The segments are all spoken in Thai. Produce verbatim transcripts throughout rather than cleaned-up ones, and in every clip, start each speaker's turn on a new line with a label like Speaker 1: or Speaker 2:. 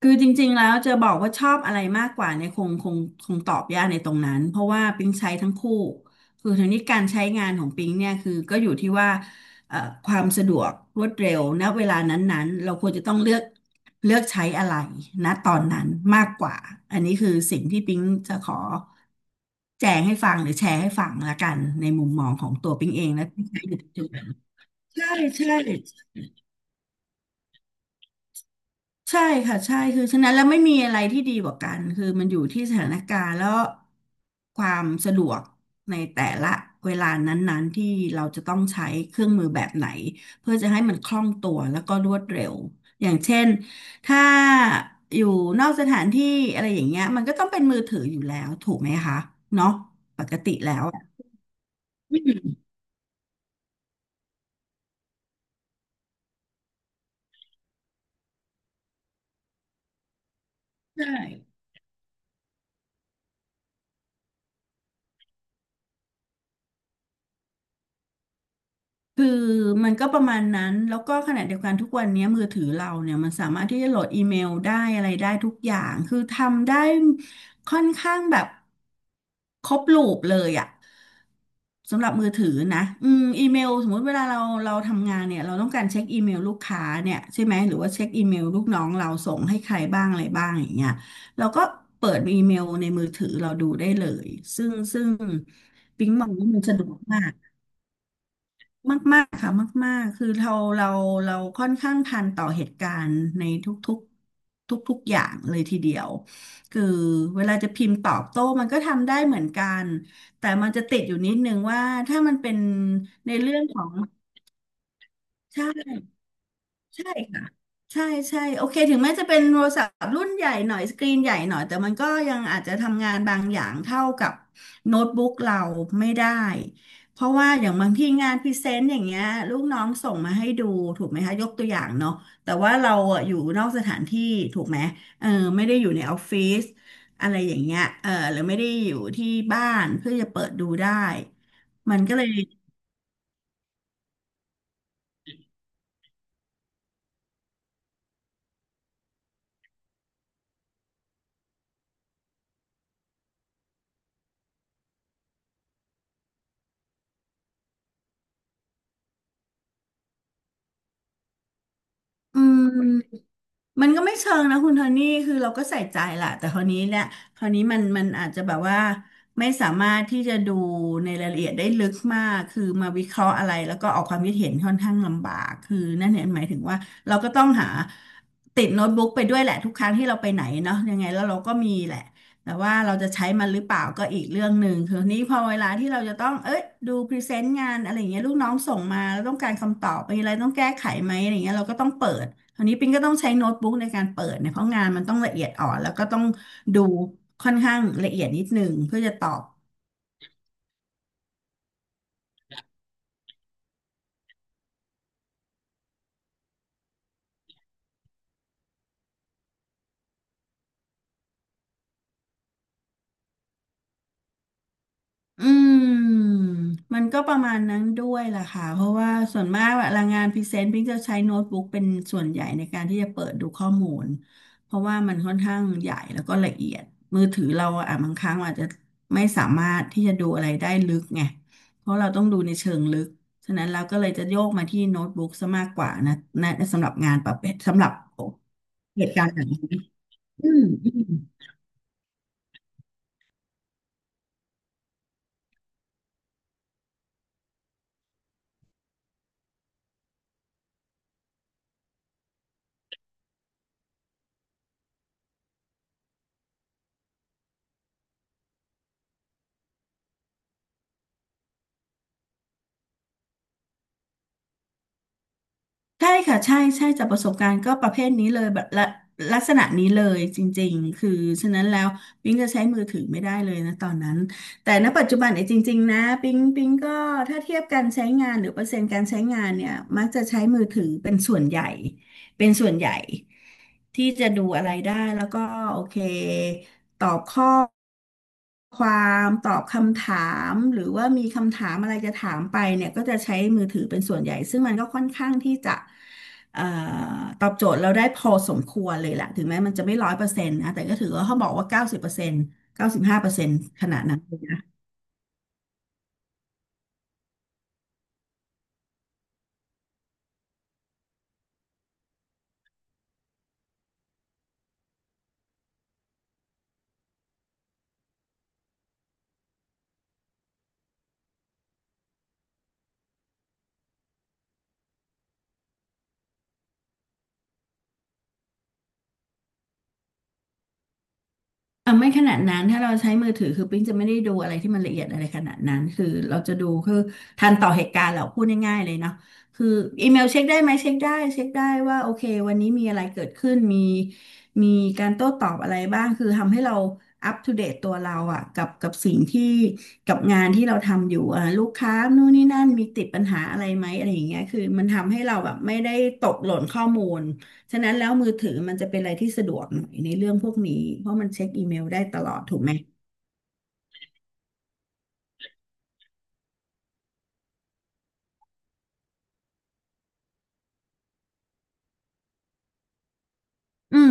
Speaker 1: คือจริงๆแล้วจะบอกว่าชอบอะไรมากกว่าเนี่ยคงคงคงตอบยากในตรงนั้นเพราะว่าปิ๊งใช้ทั้งคู่คือทีนี้การใช้งานของปิ๊งเนี่ยคือก็อยู่ที่ว่าเอ่อความสะดวกรวดเร็วณเวลานั้นๆเราควรจะต้องเลือกเลือกใช้อะไรณตอนนั้นมากกว่าอันนี้คือสิ่งที่ปิ๊งจะขอแจงให้ฟังหรือแชร์ให้ฟังละกันในมุมมองของตัวปิ๊งเองและที่ใช้อยู่ปัจจุบันใช่ใช่ ใช่ค่ะใช่คือฉะนั้นแล้วไม่มีอะไรที่ดีกว่ากันคือมันอยู่ที่สถานการณ์แล้วความสะดวกในแต่ละเวลานั้นๆที่เราจะต้องใช้เครื่องมือแบบไหนเพื่อจะให้มันคล่องตัวแล้วก็รวดเร็วอย่างเช่นถ้าอยู่นอกสถานที่อะไรอย่างเงี้ยมันก็ต้องเป็นมือถืออยู่แล้วถูกไหมคะเนาะปกติแล้วอะอืมใช่ คือมันก็ประมาณนั้นแล้วก็ขณะเดียวกันทุกวันนี้มือถือเราเนี่ยมันสามารถที่จะโหลดอีเมลได้อะไรได้ทุกอย่างคือทำได้ค่อนข้างแบบครบลูปเลยอะสำหรับมือถือนะอืมอีเมลสมมุติเวลาเราเราทำงานเนี่ยเราต้องการเช็คอีเมลลูกค้าเนี่ยใช่ไหมหรือว่าเช็คอีเมลลูกน้องเราส่งให้ใครบ้างอะไรบ้างอย่างเงี้ยเราก็เปิดอีเมลในมือถือเราดูได้เลยซึ่งซึ่งปิ๊งมองว่ามันสะดวกมาก มากๆค่ะมากๆคือเราเราเราค่อนข้างทันต่อเหตุการณ์ในทุกๆทุกๆอย่างเลยทีเดียวคือเวลาจะพิมพ์ตอบโต้มันก็ทำได้เหมือนกันแต่มันจะติดอยู่นิดนึงว่าถ้ามันเป็นในเรื่องของใช่ ใช่ค่ะใช่ใช่โอเคถึงแม้จะเป็นโทรศัพท์รุ่นใหญ่หน่อยสกรีนใหญ่หน่อยแต่มันก็ยังอาจจะทำงานบางอย่างเท่ากับโน้ตบุ๊กเราไม่ได้เพราะว่าอย่างบางที่งานพรีเซนต์อย่างเงี้ยลูกน้องส่งมาให้ดูถูกไหมคะยกตัวอย่างเนาะแต่ว่าเราอะอยู่นอกสถานที่ถูกไหมเออไม่ได้อยู่ในออฟฟิศอะไรอย่างเงี้ยเออหรือไม่ได้อยู่ที่บ้านเพื่อจะเปิดดูได้มันก็เลยอืม มันก็ไม่เชิงนะคุณโทนี่คือเราก็ใส่ใจแหละ แต่คราวนี้เนี่ยคราวนี้มันมันอาจจะแบบว่าไม่สามารถที่จะดูในรายละเอียดได้ลึกมาก คือมาวิเคราะห์อะไรแล้วก็ออกความคิดเห็นค่อนข้างลำบาก คือนั่นเนี่ยหมายถึงว่าเราก็ต้องหาติดโน้ตบุ๊กไปด้วยแหละทุกครั้งที่เราไปไหนเนาะยังไงแล้วเราก็มีแหละ แต่ว่าเราจะใช้มันหรือเปล่าก็อีกเรื่องหนึ่งคือนี้พอเวลาที่เราจะต้องเอ้ยดูพรีเซนต์งานอะไรอย่างเงี้ยลูกน้องส่งมาแล้วต้องการคำตอบมีอะไรต้องแก้ไขไหมอะไรอย่างเงี้ยเราก็ต้องเปิด อันนี้ปิงก็ต้องใช้โน้ตบุ๊กในการเปิดเนี่ยเพราะงานมันต้องละเอียดอ่อนแล้วก็ต้องดูค่อนข้างละเอียดนิดนึงเพื่อจะตอบ อืมมันก็ประมาณนั้นด้วยล่ะค่ะเพราะว่าส่วนมากเวลางานพรีเซนต์พิงจะใช้โน้ตบุ๊กเป็นส่วนใหญ่ในการที่จะเปิดดูข้อมูลเพราะว่ามันค่อนข้างใหญ่แล้วก็ละเอียดมือถือเราอะบางครั้งอาจจะไม่สามารถที่จะดูอะไรได้ลึกไงเพราะเราต้องดูในเชิงลึกฉะนั้นเราก็เลยจะโยกมาที่โน้ตบุ๊กซะมากกว่านะนะสำหรับงานประเภทสำหรับเหตุการณ์แบบนี้อืม ใช่ค่ะใช่ใช่จากประสบการณ์ก็ประเภทนี้เลยแบบละลักษณะนี้เลยจริงๆคือฉะนั้นแล้วปิ๊งจะใช้มือถือไม่ได้เลยนะตอนนั้นแต่ณปัจจุบันเนี่ยจริงๆนะปิ๊งปิ๊งก็ถ้าเทียบการใช้งานหรือเปอร์เซ็นต์การใช้งานเนี่ยมักจะใช้มือถือเป็นส่วนใหญ่ เป็นส่วนใหญ่ที่จะดูอะไรได้แล้วก็โอเคตอบข้อความตอบคำถามหรือว่ามีคำถามอะไรจะถามไปเนี่ยก็จะใช้มือถือเป็นส่วนใหญ่ซึ่งมันก็ค่อนข้างที่จะเอ่อตอบโจทย์เราได้พอสมควรเลยแหละถึงแม้มันจะไม่ร้อยเปอร์เซ็นต์นะแต่ก็ถือว่าเขาบอกว่าเก้าสิบเปอร์เซ็นต์เก้าสิบห้าเปอร์เซ็นต์ขนาดนั้นเลยนะ อ่ะไม่ขนาดนั้นถ้าเราใช้มือถือคือปิ๊งจะไม่ได้ดูอะไรที่มันละเอียดอะไรขนาดนั้นคือเราจะดูคือทันต่อเหตุการณ์เราพูดง่ายๆเลยเนาะคืออีเมลเช็คได้ไหมเช็คได้เช็คได้ว่าโอเควันนี้มีอะไรเกิดขึ้นมีมีการโต้ตอบอะไรบ้างคือทำให้เราอัปทูเดตตัวเราอ่ะกับกับสิ่งที่กับงานที่เราทำอยู่อ่ะลูกค้านู่นนี่นั่นมีติดปัญหาอะไรไหมอะไรอย่างเงี้ยคือมันทำให้เราแบบไม่ได้ตกหล่นข้อมูล ฉะนั้นแล้วมือถือมันจะเป็นอะไรที่สะดวกหน่อยในเรื่องพวกนี้เพราะมันเช็คอีเมลได้ตลอดถูกไหมอืม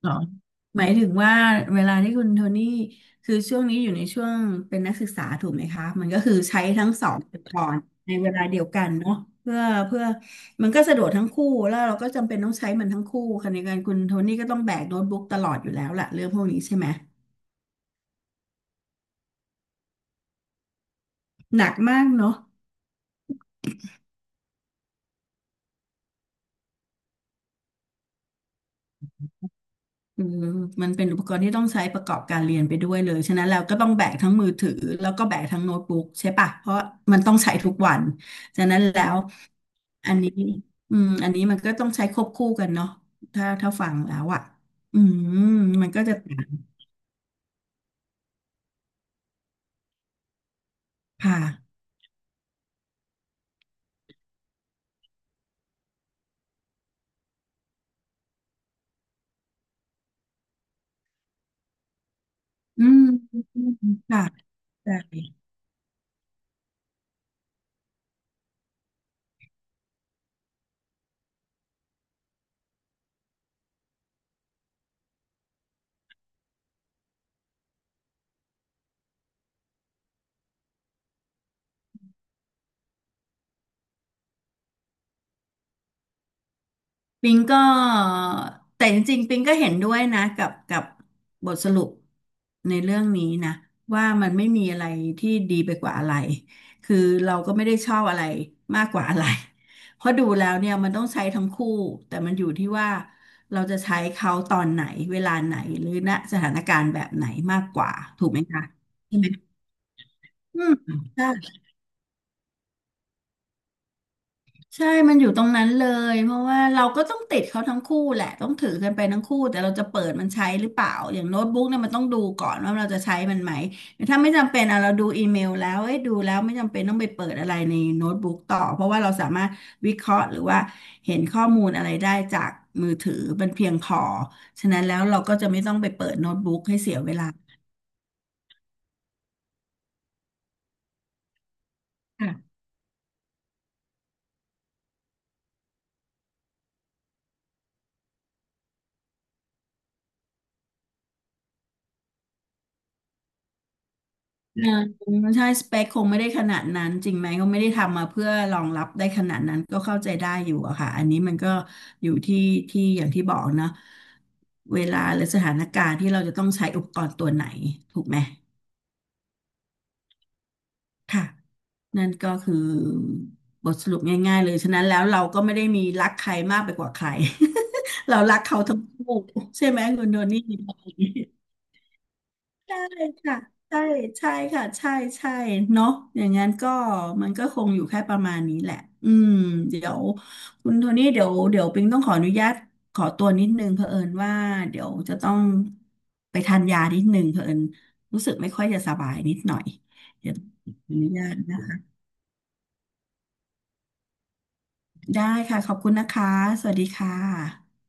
Speaker 1: เหรอหมายถึงว่าเวลาที่คุณโทนี่คือช่วงนี้อยู่ในช่วงเป็นนักศึกษาถูกไหมคะมันก็คือใช้ทั้งสองอุปกรณ์ในเวลาเดียวกันเนาะเพื่อเพื่อมันก็สะดวกทั้งคู่แล้วเราก็จำเป็นต้องใช้มันทั้งคู่ขณะเดียวกันคุณโทนี่ก็ต้องแบกโน้ตบุ๊กตลอดอยู่แล้วล่ะเรื่องพวกนี้ใช่ไหมหนักมากเนาะ คือมันเป็นอุปกรณ์ที่ต้องใช้ประกอบการเรียนไปด้วยเลยฉะนั้นแล้วก็ต้องแบกทั้งมือถือแล้วก็แบกทั้งโน้ตบุ๊กใช่ปะเพราะมันต้องใช้ทุกวันฉะนั้นแล้วอันนี้อืมอันนี้มันก็ต้องใช้ควบคู่กันเนาะถ้าถ้าฟังแล้วอ่ะอืมมันก็จะค่ะอืมค่ะได้ ปิงก็แต่จริงๆปิงก็เห็นด้วยนะกับกับบทสรุปในเรื่องนี้นะว่ามันไม่มีอะไรที่ดีไปกว่าอะไรคือเราก็ไม่ได้ชอบอะไรมากกว่าอะไร เพราะดูแล้วเนี่ยมันต้องใช้ทั้งคู่แต่มันอยู่ที่ว่าเราจะใช้เขาตอนไหนเวลาไหนหรือณสถานการณ์แบบไหนมากกว่าถูกไหมคะใช่ไหมอืมใช่ ใช่ มันอยู่ตรงนั้นเลยเพราะว่าเราก็ต้องติดเขาทั้งคู่แหละ ต้องถือกันไปทั้งคู่แต่เราจะเปิดมันใช้หรือเปล่า อย่างโน้ตบุ๊กเนี่ยมันต้องดูก่อนว่าเราจะใช้มันไหมถ้าไม่จำเป็นอะเราดูอีเมลแล้วเอ้ยดูแล้วไม่จำเป็นต้องไปเปิดอะไรในโน้ตบุ๊กต่อ เพราะว่าเราสามารถวิเคราะห์หรือว่าเห็นข้อมูลอะไรได้จากมือถือเป็นเพียงพอฉะนั้นแล้วเราก็จะไม่ต้องไปเปิดโน้ตบุ๊กให้เสียเวลา เออใช่สเปคคงไม่ได้ขนาดนั้นจริงไหมก็ไม่ได้ทำมาเพื่อรองรับได้ขนาดนั้นก็เข้าใจได้อยู่อะค่ะอันนี้มันก็อยู่ที่ที่อย่างที่บอกเนอะเวลาหรือสถานการณ์ที่เราจะต้องใช้อุปกรณ์ตัวไหนถูกไหมค่ะนั่นก็คือบทสรุปง่ายๆเลยฉะนั้นแล้วเราก็ไม่ได้มีรักใครมากไปกว่าใคร เรารักเขาทั้งคู่ใช่ไหมคุณโดนี่ ใช่ค่ะใช่ใช่ค่ะใช่ใช่เนาะอย่างนั้นก็มันก็คงอยู่แค่ประมาณนี้แหละอืมเดี๋ยวคุณโทนี่เดี๋ยวเดี๋ยวปิงต้องขออนุญาตขอตัวนิดนึงเผอิญว่าเดี๋ยวจะต้องไปทานยานิดนึงเผอิญรู้สึกไม่ค่อยจะสบายนิดหน่อยเดี๋ยวต้องขออนุญาตนะคะได้ค่ะขอบคุณนะคะสวัสดีค่ะ